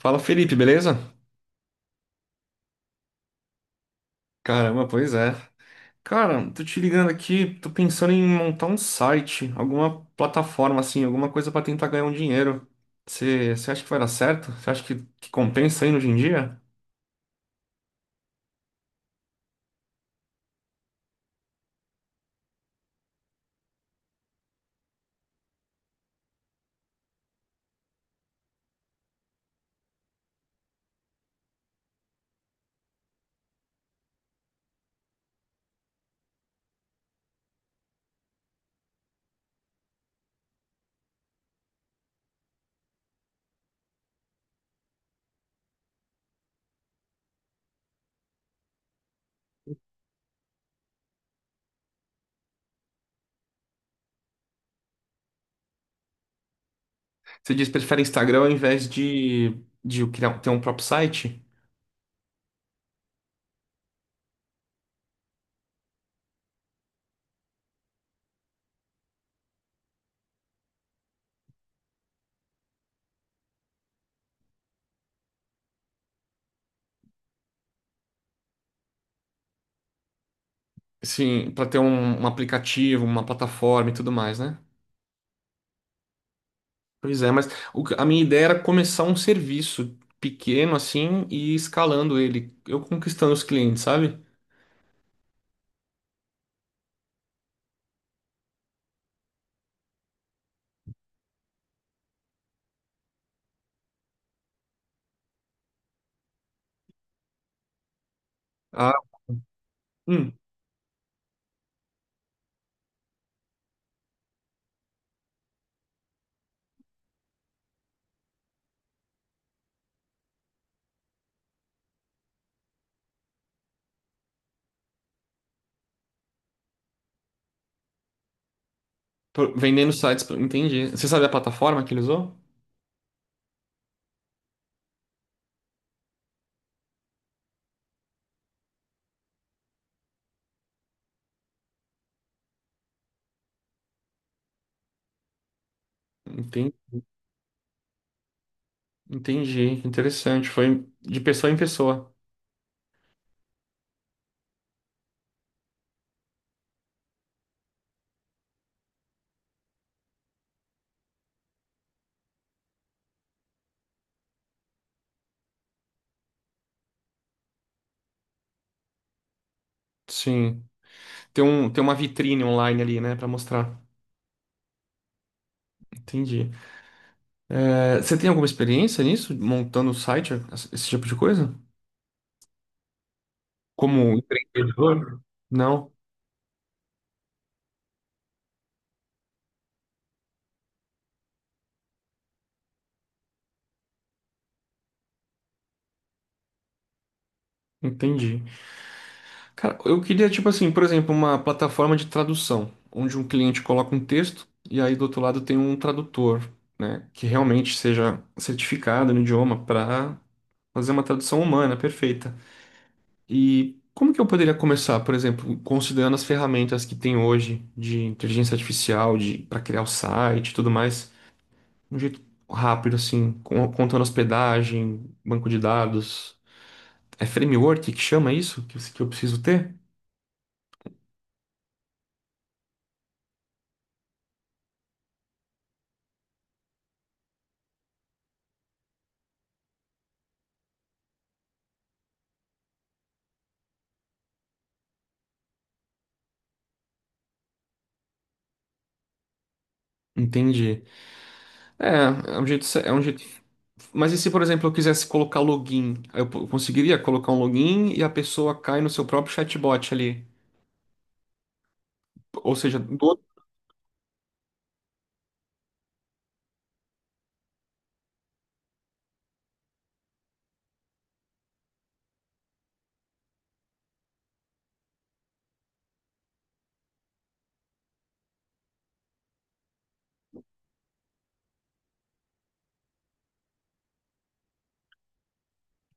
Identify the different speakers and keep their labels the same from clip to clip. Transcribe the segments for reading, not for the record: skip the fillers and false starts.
Speaker 1: Fala Felipe, beleza? Caramba, pois é. Cara, tô te ligando aqui, tô pensando em montar um site, alguma plataforma assim, alguma coisa pra tentar ganhar um dinheiro. Você acha que vai dar certo? Você acha que compensa aí hoje em dia? Você diz que prefere Instagram ao invés de criar, ter um próprio site? Sim, pra ter um aplicativo, uma plataforma e tudo mais, né? Pois é, mas a minha ideia era começar um serviço pequeno assim e ir escalando ele, eu conquistando os clientes, sabe? Ah, hum. Vendendo sites, entendi. Você sabe a plataforma que ele usou? Entendi, entendi. Interessante. Foi de pessoa em pessoa. Sim. Tem tem uma vitrine online ali, né, pra mostrar. Entendi. É, você tem alguma experiência nisso, montando site, esse tipo de coisa? Como empreendedor? Não, entendi. Cara, eu queria, tipo assim, por exemplo, uma plataforma de tradução, onde um cliente coloca um texto e aí do outro lado tem um tradutor, né, que realmente seja certificado no idioma para fazer uma tradução humana, perfeita. E como que eu poderia começar, por exemplo, considerando as ferramentas que tem hoje de inteligência artificial, de para criar o site e tudo mais, de um jeito rápido, assim, contando hospedagem, banco de dados. É framework que chama isso? Que, que eu preciso ter? Entendi. É, é um jeito, é um jeito. Mas e se, por exemplo, eu quisesse colocar login? Conseguiria colocar um login e a pessoa cai no seu próprio chatbot ali. Ou seja, do...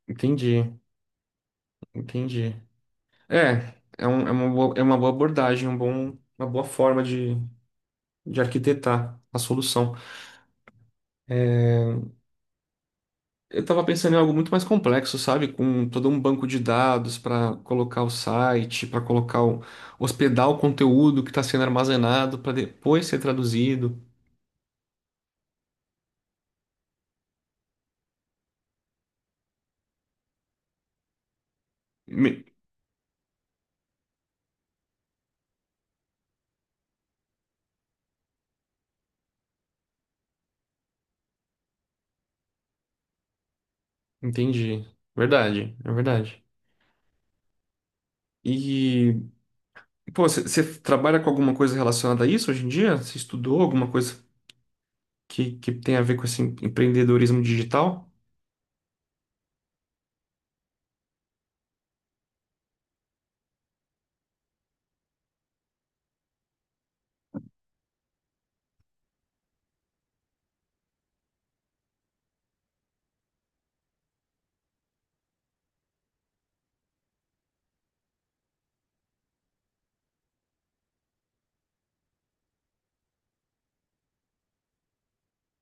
Speaker 1: Entendi, entendi. É uma boa, é uma boa abordagem, uma boa forma de arquitetar a solução. Eu estava pensando em algo muito mais complexo, sabe? Com todo um banco de dados para colocar o site, para colocar o, hospedar o conteúdo que está sendo armazenado para depois ser traduzido. Me- entendi. Verdade, é verdade. E, pô, você trabalha com alguma coisa relacionada a isso hoje em dia? Você estudou alguma coisa que tem a ver com esse empreendedorismo digital?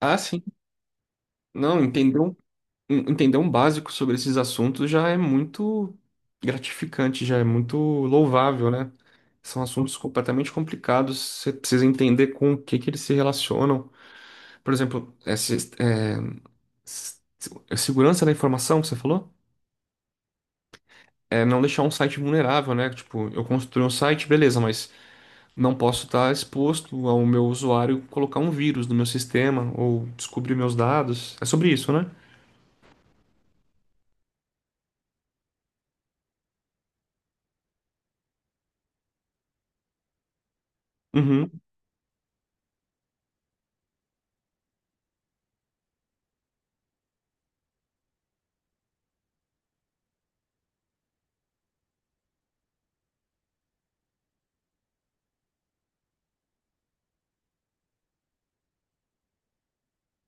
Speaker 1: Ah, sim. Não, entendeu, entender um básico sobre esses assuntos já é muito gratificante, já é muito louvável, né? São assuntos completamente complicados, você precisa entender com o que que eles se relacionam. Por exemplo, essa, é, s- segurança da informação que você falou? É não deixar um site vulnerável, né? Tipo, eu construí um site, beleza, mas não posso estar exposto ao meu usuário colocar um vírus no meu sistema ou descobrir meus dados. É sobre isso, né? Uhum.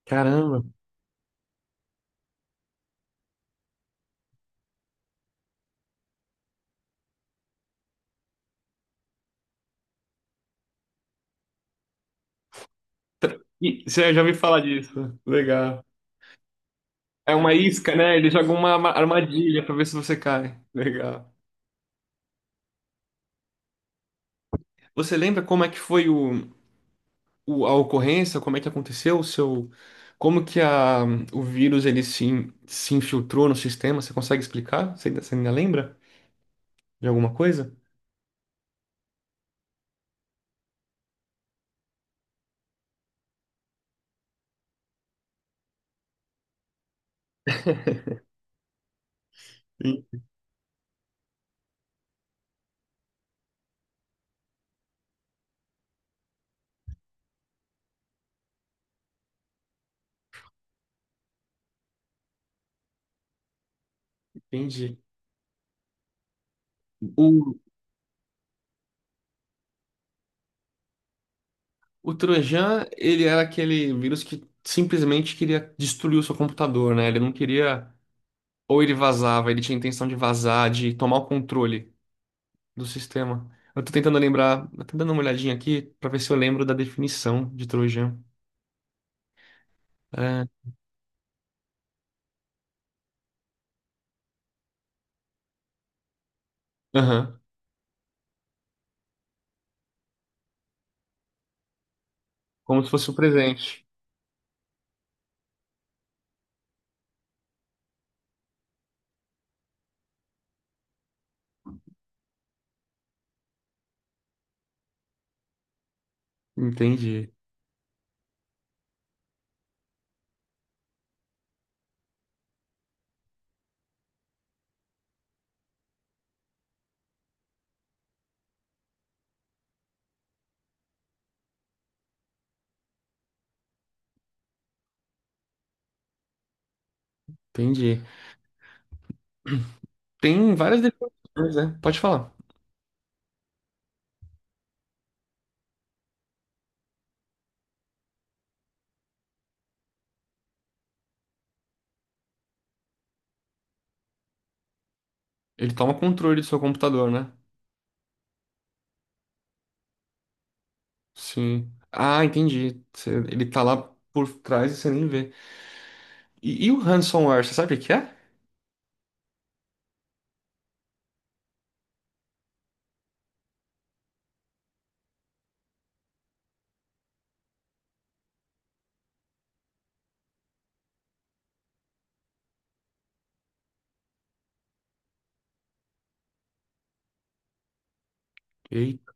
Speaker 1: Caramba. Você já ouviu falar disso? Legal. É uma isca, né? Eles jogam uma armadilha pra ver se você cai. Legal. Você lembra como é que foi o, a ocorrência? Como é que aconteceu o seu, como que a, o vírus ele se, se infiltrou no sistema? Você consegue explicar? Você ainda lembra de alguma coisa? Sim. Entendi. O, o Trojan, ele era aquele vírus que simplesmente queria destruir o seu computador, né? Ele não queria ou ele vazava, ele tinha intenção de vazar, de tomar o controle do sistema. Eu tô tentando lembrar, eu tô dando uma olhadinha aqui pra ver se eu lembro da definição de Trojan. É, aham, como se fosse o presente. Entendi, entendi. Tem várias definições, né? Pode falar. Ele toma controle do seu computador, né? Sim. Ah, entendi. Ele tá lá por trás e você nem vê. E, o ransomware, você sabe o que é? Eita,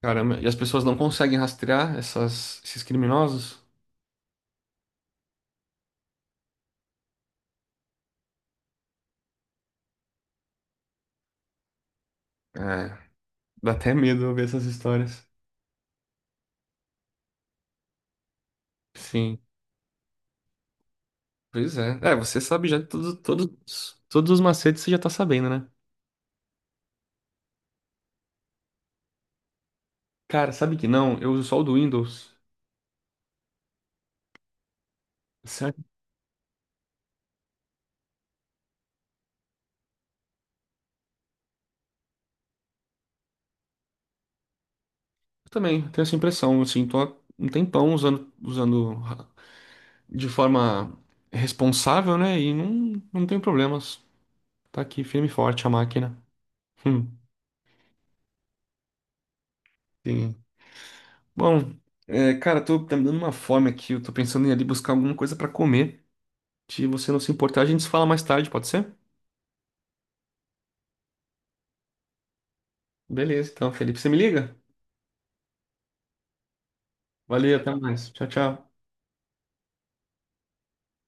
Speaker 1: caramba. E as pessoas não conseguem rastrear essas, esses criminosos? É, dá até medo ouvir essas histórias. Sim. Pois é. É, você sabe já todos os macetes, você já tá sabendo, né? Cara, sabe que não? Eu uso só o do Windows. Certo? Eu também tenho essa impressão, assim, tô há um tempão usando, usando de forma responsável, né? E não, não tenho problemas. Tá aqui firme e forte a máquina. Hum, sim. Bom, é, cara, tô, tá me dando uma fome aqui. Eu tô pensando em ir ali buscar alguma coisa pra comer. Se você não se importar, a gente se fala mais tarde, pode ser? Beleza, então, Felipe, você me liga? Valeu, até mais. Tchau, tchau.